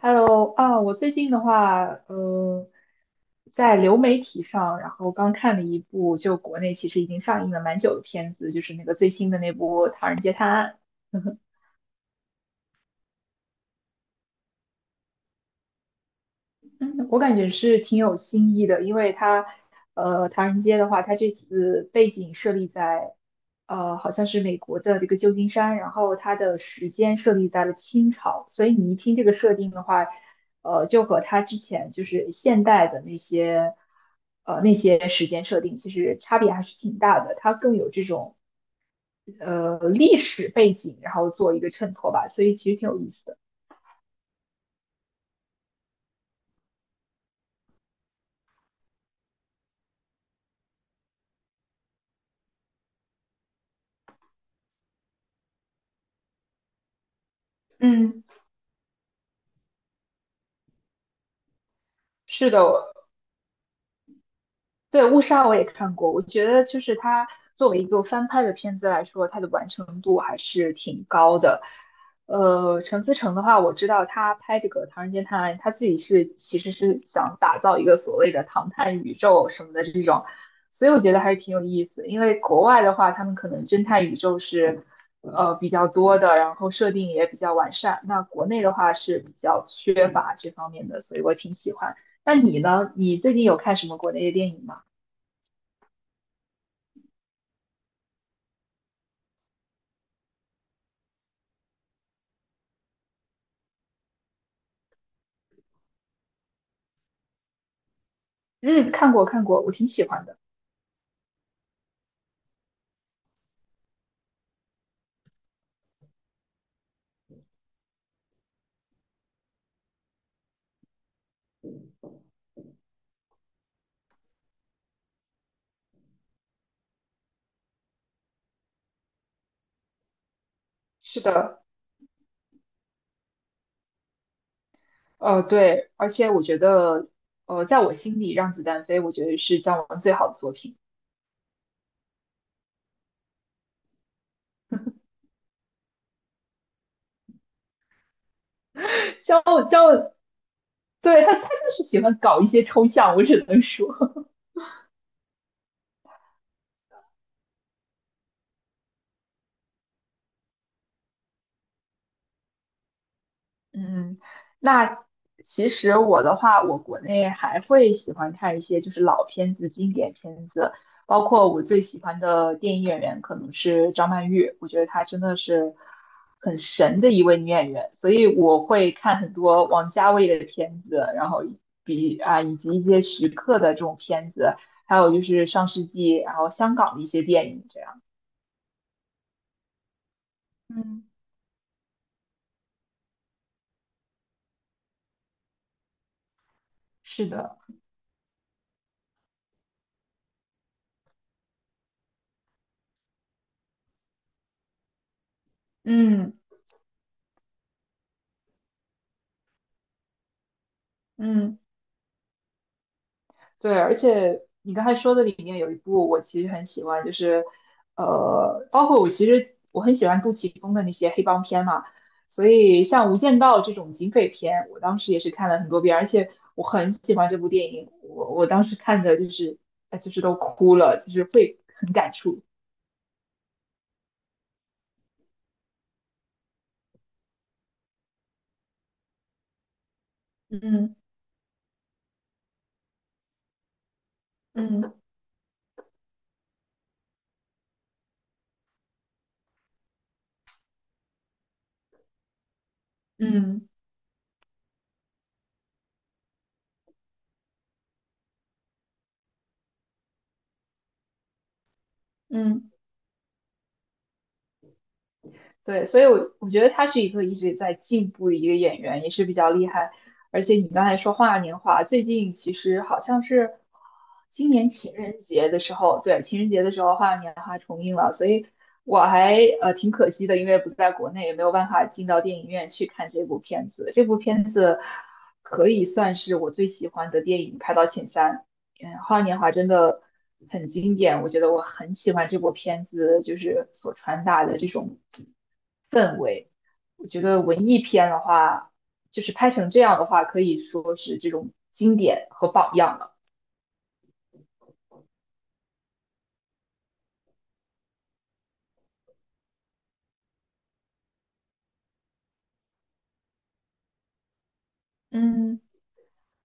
Hello 啊，我最近的话，在流媒体上，然后刚看了一部，就国内其实已经上映了蛮久的片子，就是那个最新的那部《唐人街探案》。嗯，我感觉是挺有新意的，因为它，唐人街的话，它这次背景设立在，好像是美国的这个旧金山，然后它的时间设立在了清朝，所以你一听这个设定的话，就和它之前就是现代的那些，那些时间设定其实差别还是挺大的，它更有这种历史背景，然后做一个衬托吧，所以其实挺有意思的。嗯，是的，对，《误杀》我也看过，我觉得就是它作为一个翻拍的片子来说，它的完成度还是挺高的。陈思诚的话，我知道他拍这个《唐人街探案》，他自己其实是想打造一个所谓的“唐探宇宙”什么的这种，所以我觉得还是挺有意思。因为国外的话，他们可能侦探宇宙是比较多的，然后设定也比较完善。那国内的话是比较缺乏这方面的，所以我挺喜欢。那你呢？你最近有看什么国内的电影吗？嗯，看过看过，我挺喜欢的。是的，对，而且我觉得，在我心里，《让子弹飞》我觉得是姜文最好的作品。姜文，姜文，对，他就是喜欢搞一些抽象，我只能说。嗯，那其实我的话，我国内还会喜欢看一些就是老片子、经典片子，包括我最喜欢的电影演员可能是张曼玉，我觉得她真的是很神的一位女演员，所以我会看很多王家卫的片子，然后以及一些徐克的这种片子，还有就是上世纪然后香港的一些电影这样。嗯，是的。嗯嗯。对，而且你刚才说的里面有一部我其实很喜欢，就是包括我其实很喜欢杜琪峰的那些黑帮片嘛，所以像《无间道》这种警匪片，我当时也是看了很多遍，而且我很喜欢这部电影，我当时看着就是都哭了，就是会很感触。嗯嗯嗯嗯。对，所以我觉得他是一个一直在进步的一个演员，也是比较厉害。而且你刚才说花样年华，最近其实好像是今年情人节的时候，对，情人节的时候花样年华重映了，所以我还挺可惜的，因为不在国内，也没有办法进到电影院去看这部片子。这部片子可以算是我最喜欢的电影，排到前三。嗯，花样年华真的很经典，我觉得我很喜欢这部片子，就是所传达的这种。我觉得文艺片的话，就是拍成这样的话，可以说是这种经典和榜样了。嗯。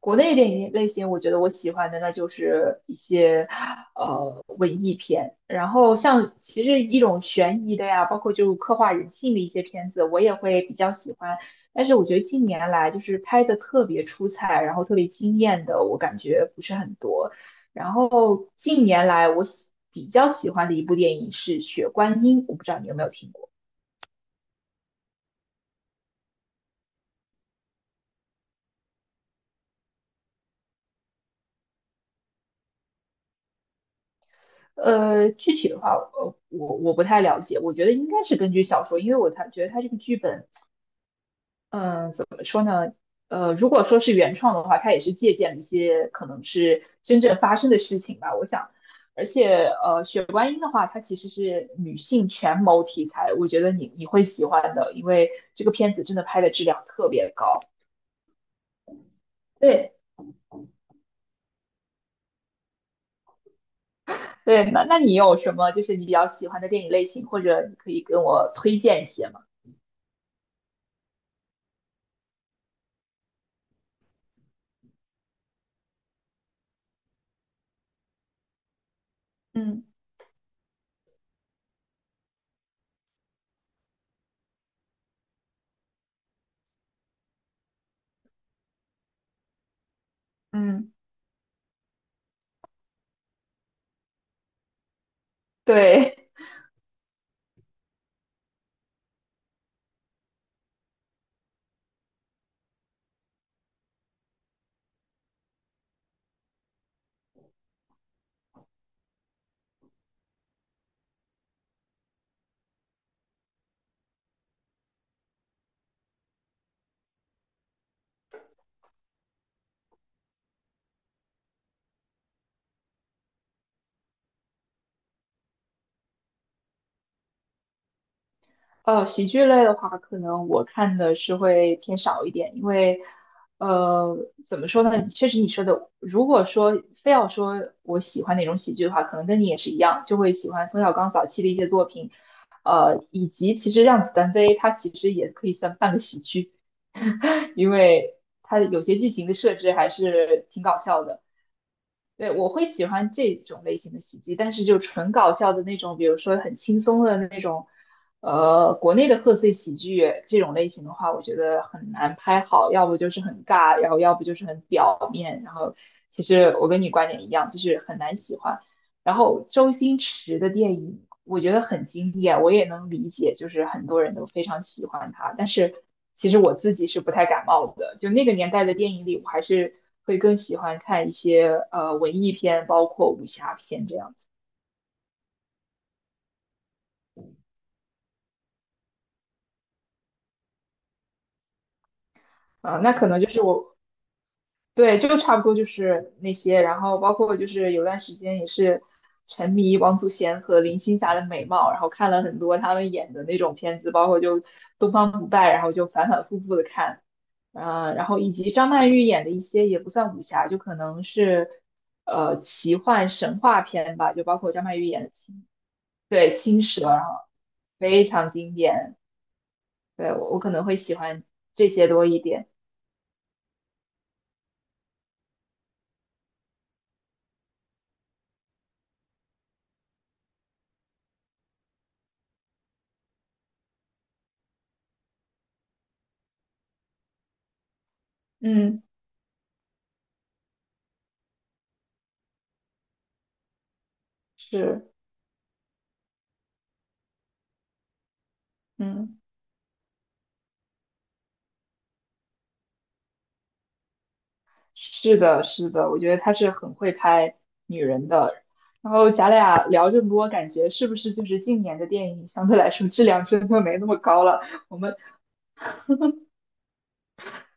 国内电影类型，我觉得我喜欢的那就是一些文艺片，然后像其实一种悬疑的呀，包括就刻画人性的一些片子，我也会比较喜欢。但是我觉得近年来就是拍的特别出彩，然后特别惊艳的，我感觉不是很多。然后近年来我比较喜欢的一部电影是《血观音》，我不知道你有没有听过。具体的话，呃，我不太了解，我觉得应该是根据小说，因为我他觉得他这个剧本。嗯，怎么说呢？如果说是原创的话，它也是借鉴了一些可能是真正发生的事情吧，我想。而且，《血观音》的话，它其实是女性权谋题材，我觉得你会喜欢的，因为这个片子真的拍的质量特别高。对对，那你有什么就是你比较喜欢的电影类型，或者你可以跟我推荐一些吗？嗯嗯，对。喜剧类的话，可能我看的是会偏少一点，因为，呃，怎么说呢？确实你说的，如果说非要说我喜欢哪种喜剧的话，可能跟你也是一样，就会喜欢冯小刚早期的一些作品，以及其实《让子弹飞》它其实也可以算半个喜剧，因为它有些剧情的设置还是挺搞笑的。对，我会喜欢这种类型的喜剧，但是就纯搞笑的那种，比如说很轻松的那种，国内的贺岁喜剧这种类型的话，我觉得很难拍好，要不就是很尬，然后要不就是很表面，然后其实我跟你观点一样，就是很难喜欢。然后周星驰的电影，我觉得很经典，我也能理解，就是很多人都非常喜欢他。但是其实我自己是不太感冒的，就那个年代的电影里，我还是会更喜欢看一些文艺片，包括武侠片这样子。啊、那可能就是我对，就差不多就是那些，然后包括就是有段时间也是沉迷王祖贤和林青霞的美貌，然后看了很多他们演的那种片子，包括就《东方不败》，然后就反反复复的看，然后以及张曼玉演的一些也不算武侠，就可能是奇幻神话片吧，就包括张曼玉演的青，对，青蛇啊，然后非常经典，对，我我可能会喜欢这些多一点，嗯，是，嗯。是的，是的，我觉得他是很会拍女人的。然后咱俩聊这么多，感觉是不是就是近年的电影相对来说质量真的没那么高了？我们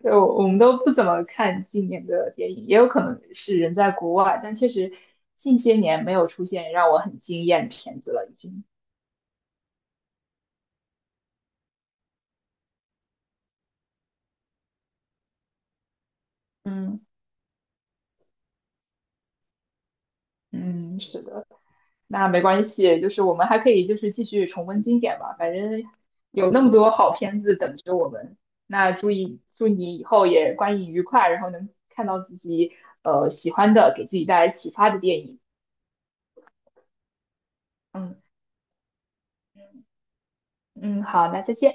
我们都不怎么看近年的电影，也有可能是人在国外，但确实近些年没有出现让我很惊艳的片子了，已经。嗯，嗯，是的。那没关系，就是我们还可以就是继续重温经典吧，反正有那么多好片子等着我们。那祝你以后也观影愉快，然后能看到自己喜欢的，给自己带来启发的电影。嗯嗯，好，那再见。